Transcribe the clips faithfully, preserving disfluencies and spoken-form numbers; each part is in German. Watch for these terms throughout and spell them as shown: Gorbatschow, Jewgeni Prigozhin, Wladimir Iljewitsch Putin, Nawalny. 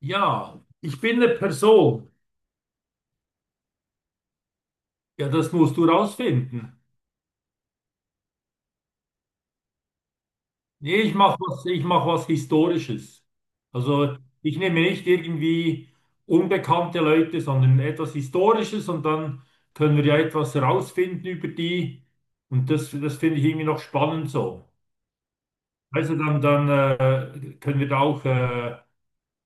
Ja, ich bin eine Person. Ja, das musst du rausfinden. Nee, ich mache was, ich mach was Historisches. Also ich nehme nicht irgendwie unbekannte Leute, sondern etwas Historisches und dann können wir ja etwas rausfinden über die. Und das, das finde ich irgendwie noch spannend so. Also dann, dann äh, können wir da auch äh,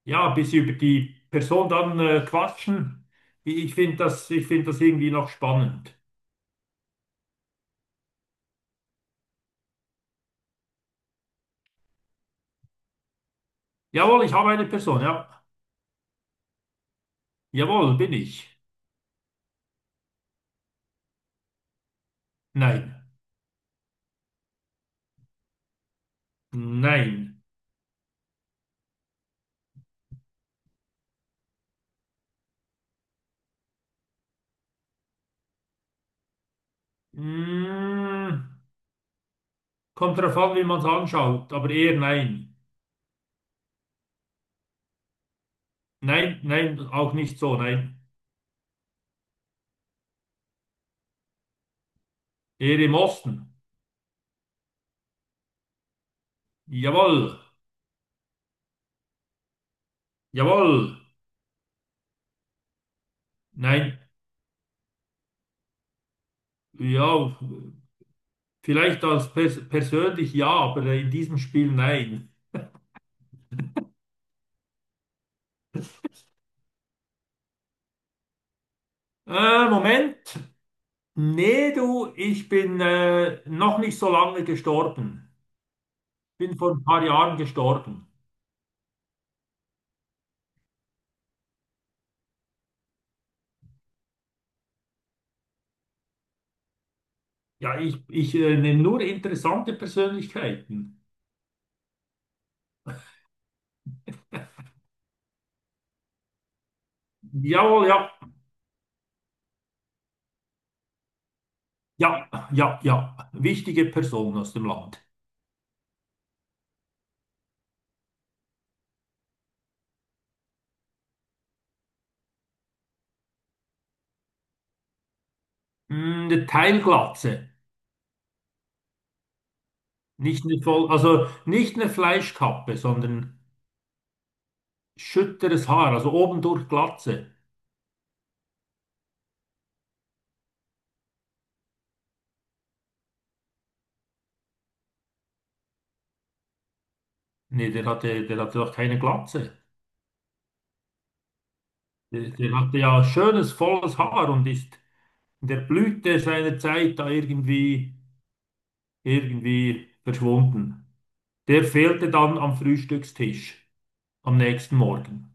ja, ein bisschen über die Person dann äh, quatschen. Ich, ich finde das, ich finde das irgendwie noch spannend. Jawohl, ich habe eine Person, ja. Jawohl, bin ich. Nein. Nein. Mm, Kommt darauf an, wie man es anschaut, aber eher nein. Nein, nein, auch nicht so, nein. Eher im Osten. Jawohl, jawohl. Nein, ja, vielleicht als pers persönlich ja, aber in diesem Spiel nein. Äh, Moment. Nee, du, ich bin äh, noch nicht so lange gestorben. Bin vor ein paar Jahren gestorben. Ja, ich, ich äh, nehme nur interessante Persönlichkeiten. Jawohl, ja, ja, ja, ja. Wichtige Person aus dem Land. Mm, eine Teilglatze. Nicht eine voll, also nicht eine Fleischkappe, sondern schütteres Haar, also obendurch Glatze. Nee, der hatte, der hatte doch keine Glatze. Der, der hatte ja schönes, volles Haar und ist in der Blüte seiner Zeit da irgendwie, irgendwie verschwunden. Der fehlte dann am Frühstückstisch am nächsten Morgen.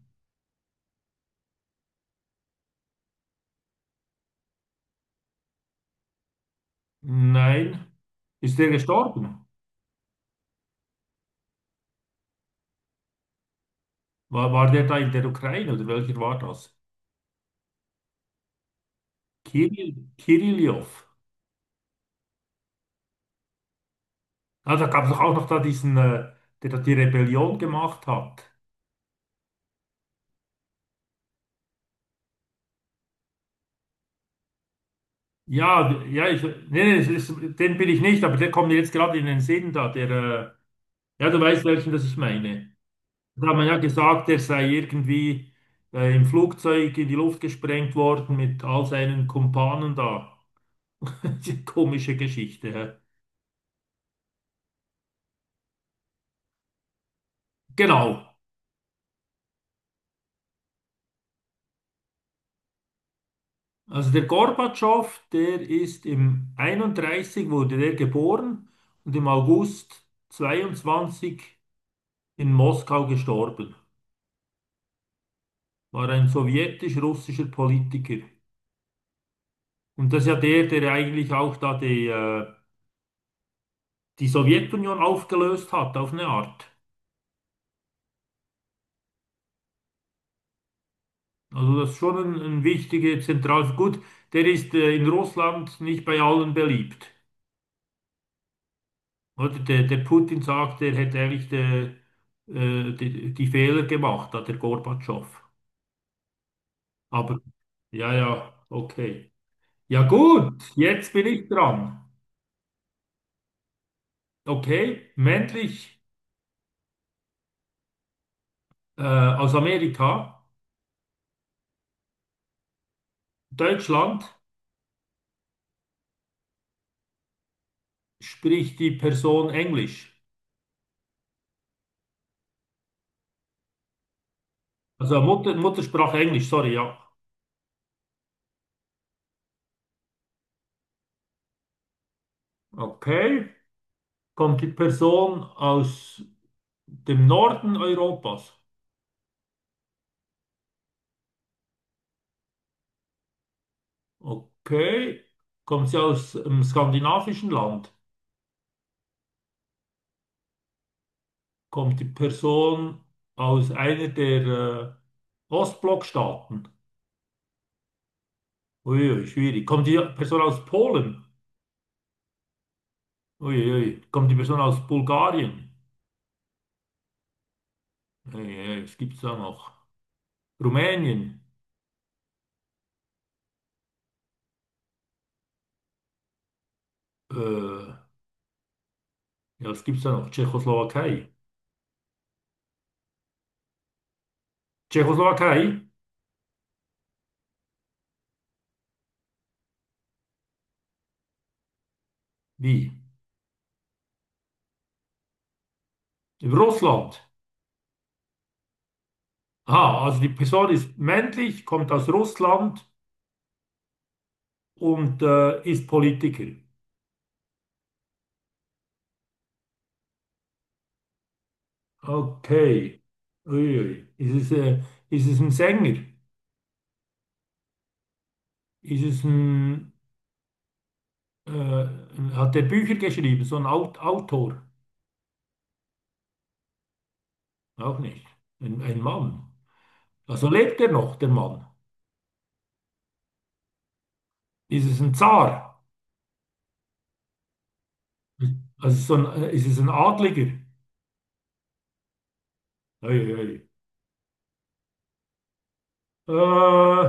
Nein, ist der gestorben? War, war der da in der Ukraine oder welcher war das? Kirill, Kirillow. Ah, da gab es doch auch noch da diesen, äh, der da die Rebellion gemacht hat. Ja, ja, ich, nee, nee, es ist, den bin ich nicht, aber der kommt mir jetzt gerade in den Sinn da, der, äh, ja, du weißt welchen, das ich meine. Da hat man ja gesagt, der sei irgendwie äh, im Flugzeug in die Luft gesprengt worden mit all seinen Kumpanen da. Die komische Geschichte. hä? Genau. Also der Gorbatschow, der ist im einunddreißig wurde der geboren und im August zweiundzwanzig in Moskau gestorben. War ein sowjetisch-russischer Politiker. Und das ist ja der, der eigentlich auch da die, äh, die Sowjetunion aufgelöst hat, auf eine Art. Also das ist schon ein, ein wichtiger Zentralfigur. Gut, der ist äh, in Russland nicht bei allen beliebt. Oder der, der Putin sagt, er hätte eigentlich de, äh, die, die Fehler gemacht, hat der Gorbatschow. Aber ja, ja, okay. Ja gut, jetzt bin ich dran. Okay, männlich äh, aus Amerika, Deutschland spricht die Person Englisch. Also Mutter, Muttersprache Englisch, sorry, ja. Okay, kommt die Person aus dem Norden Europas. Okay, kommt sie aus einem skandinavischen Land. Kommt die Person aus einer der äh, Ostblockstaaten? Uiui, schwierig. Kommt die Person aus Polen? Uiui. Kommt die Person aus Bulgarien? Uiui, was gibt's da noch? Rumänien? Äh, ja, was gibt's da noch? Tschechoslowakei? Tschechoslowakei? Wie? Russland? Aha, also die Person ist männlich, kommt aus Russland und äh, ist Politiker. Okay. Uiui. Ist es, äh, ist es ein Sänger? Ist es ein, äh, ein- hat er Bücher geschrieben, so ein Aut Autor? Auch nicht. Ein, ein Mann. Also lebt er noch, der Mann? Ist es ein Zar? Also so ein, äh, ist es ein Adliger? Ei, ei, ei. Äh,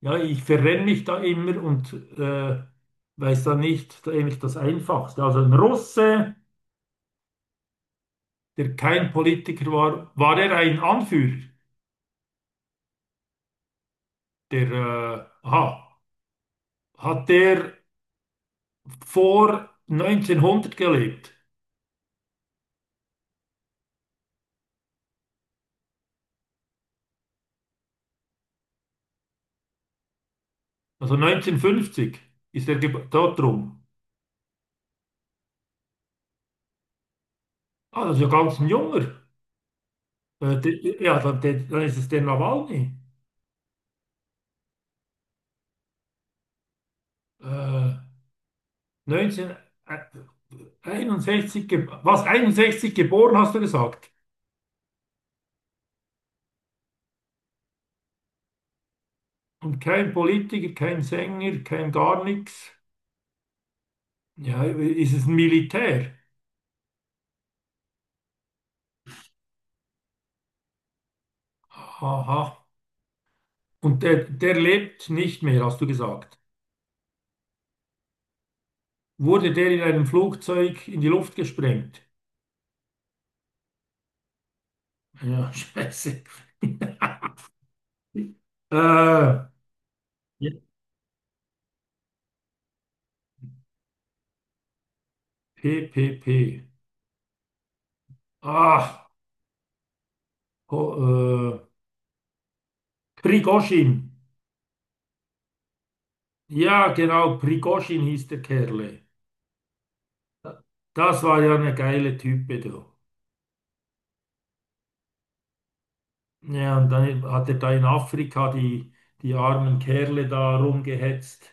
ja, ich verrenne mich da immer und äh, weiß da nicht da eigentlich das Einfachste. Also ein Russe, der kein Politiker war, war er ein Anführer? Der, äh, aha, hat der vor neunzehnhundert gelebt? Also neunzehnhundertfünfzig ist er gebo- dort rum. Ah, das ist ja ganz ein Junger. Äh, de, ja, dann, de, dann ist es der Nawalny. Äh, neunzehnhunderteinundsechzig, ge- was, einundsechzig geboren, hast du gesagt? Und kein Politiker, kein Sänger, kein gar nichts. Ja, ist es ein Militär? Aha. Und der, der lebt nicht mehr, hast du gesagt. Wurde der in einem Flugzeug in die Luft gesprengt? Ja, scheiße. Äh, ja, P P P Ah, ho, äh, Prigozhin. Ja, genau, Prigozhin hieß der Kerle. Das war ja eine geile Type, du. Ja, und dann hat er da in Afrika die, die armen Kerle da rumgehetzt.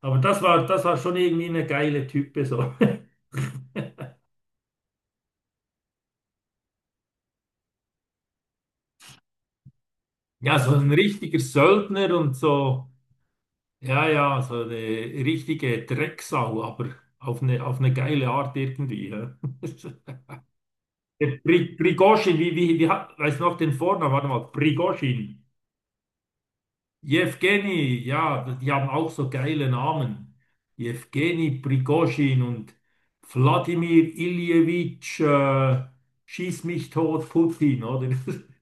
Aber das war, das war schon irgendwie eine geile Type, so. Ja, so ein richtiger Söldner und so. Ja, ja, so eine richtige Drecksau, aber auf eine, auf eine geile Art irgendwie. Ja. Der Pri Prigozhin, wie, wie, wie hat, weiß noch den Vornamen, warte mal, Prigozhin. Jewgeni, ja, die haben auch so geile Namen. Jewgeni Prigozhin und Wladimir Iljewitsch, äh, schieß mich tot, Putin, oder?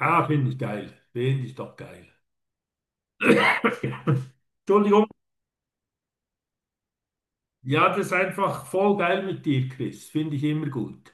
Ah, finde ich geil. Finde ich doch geil. Entschuldigung. Ja, das ist einfach voll geil mit dir, Chris. Finde ich immer gut.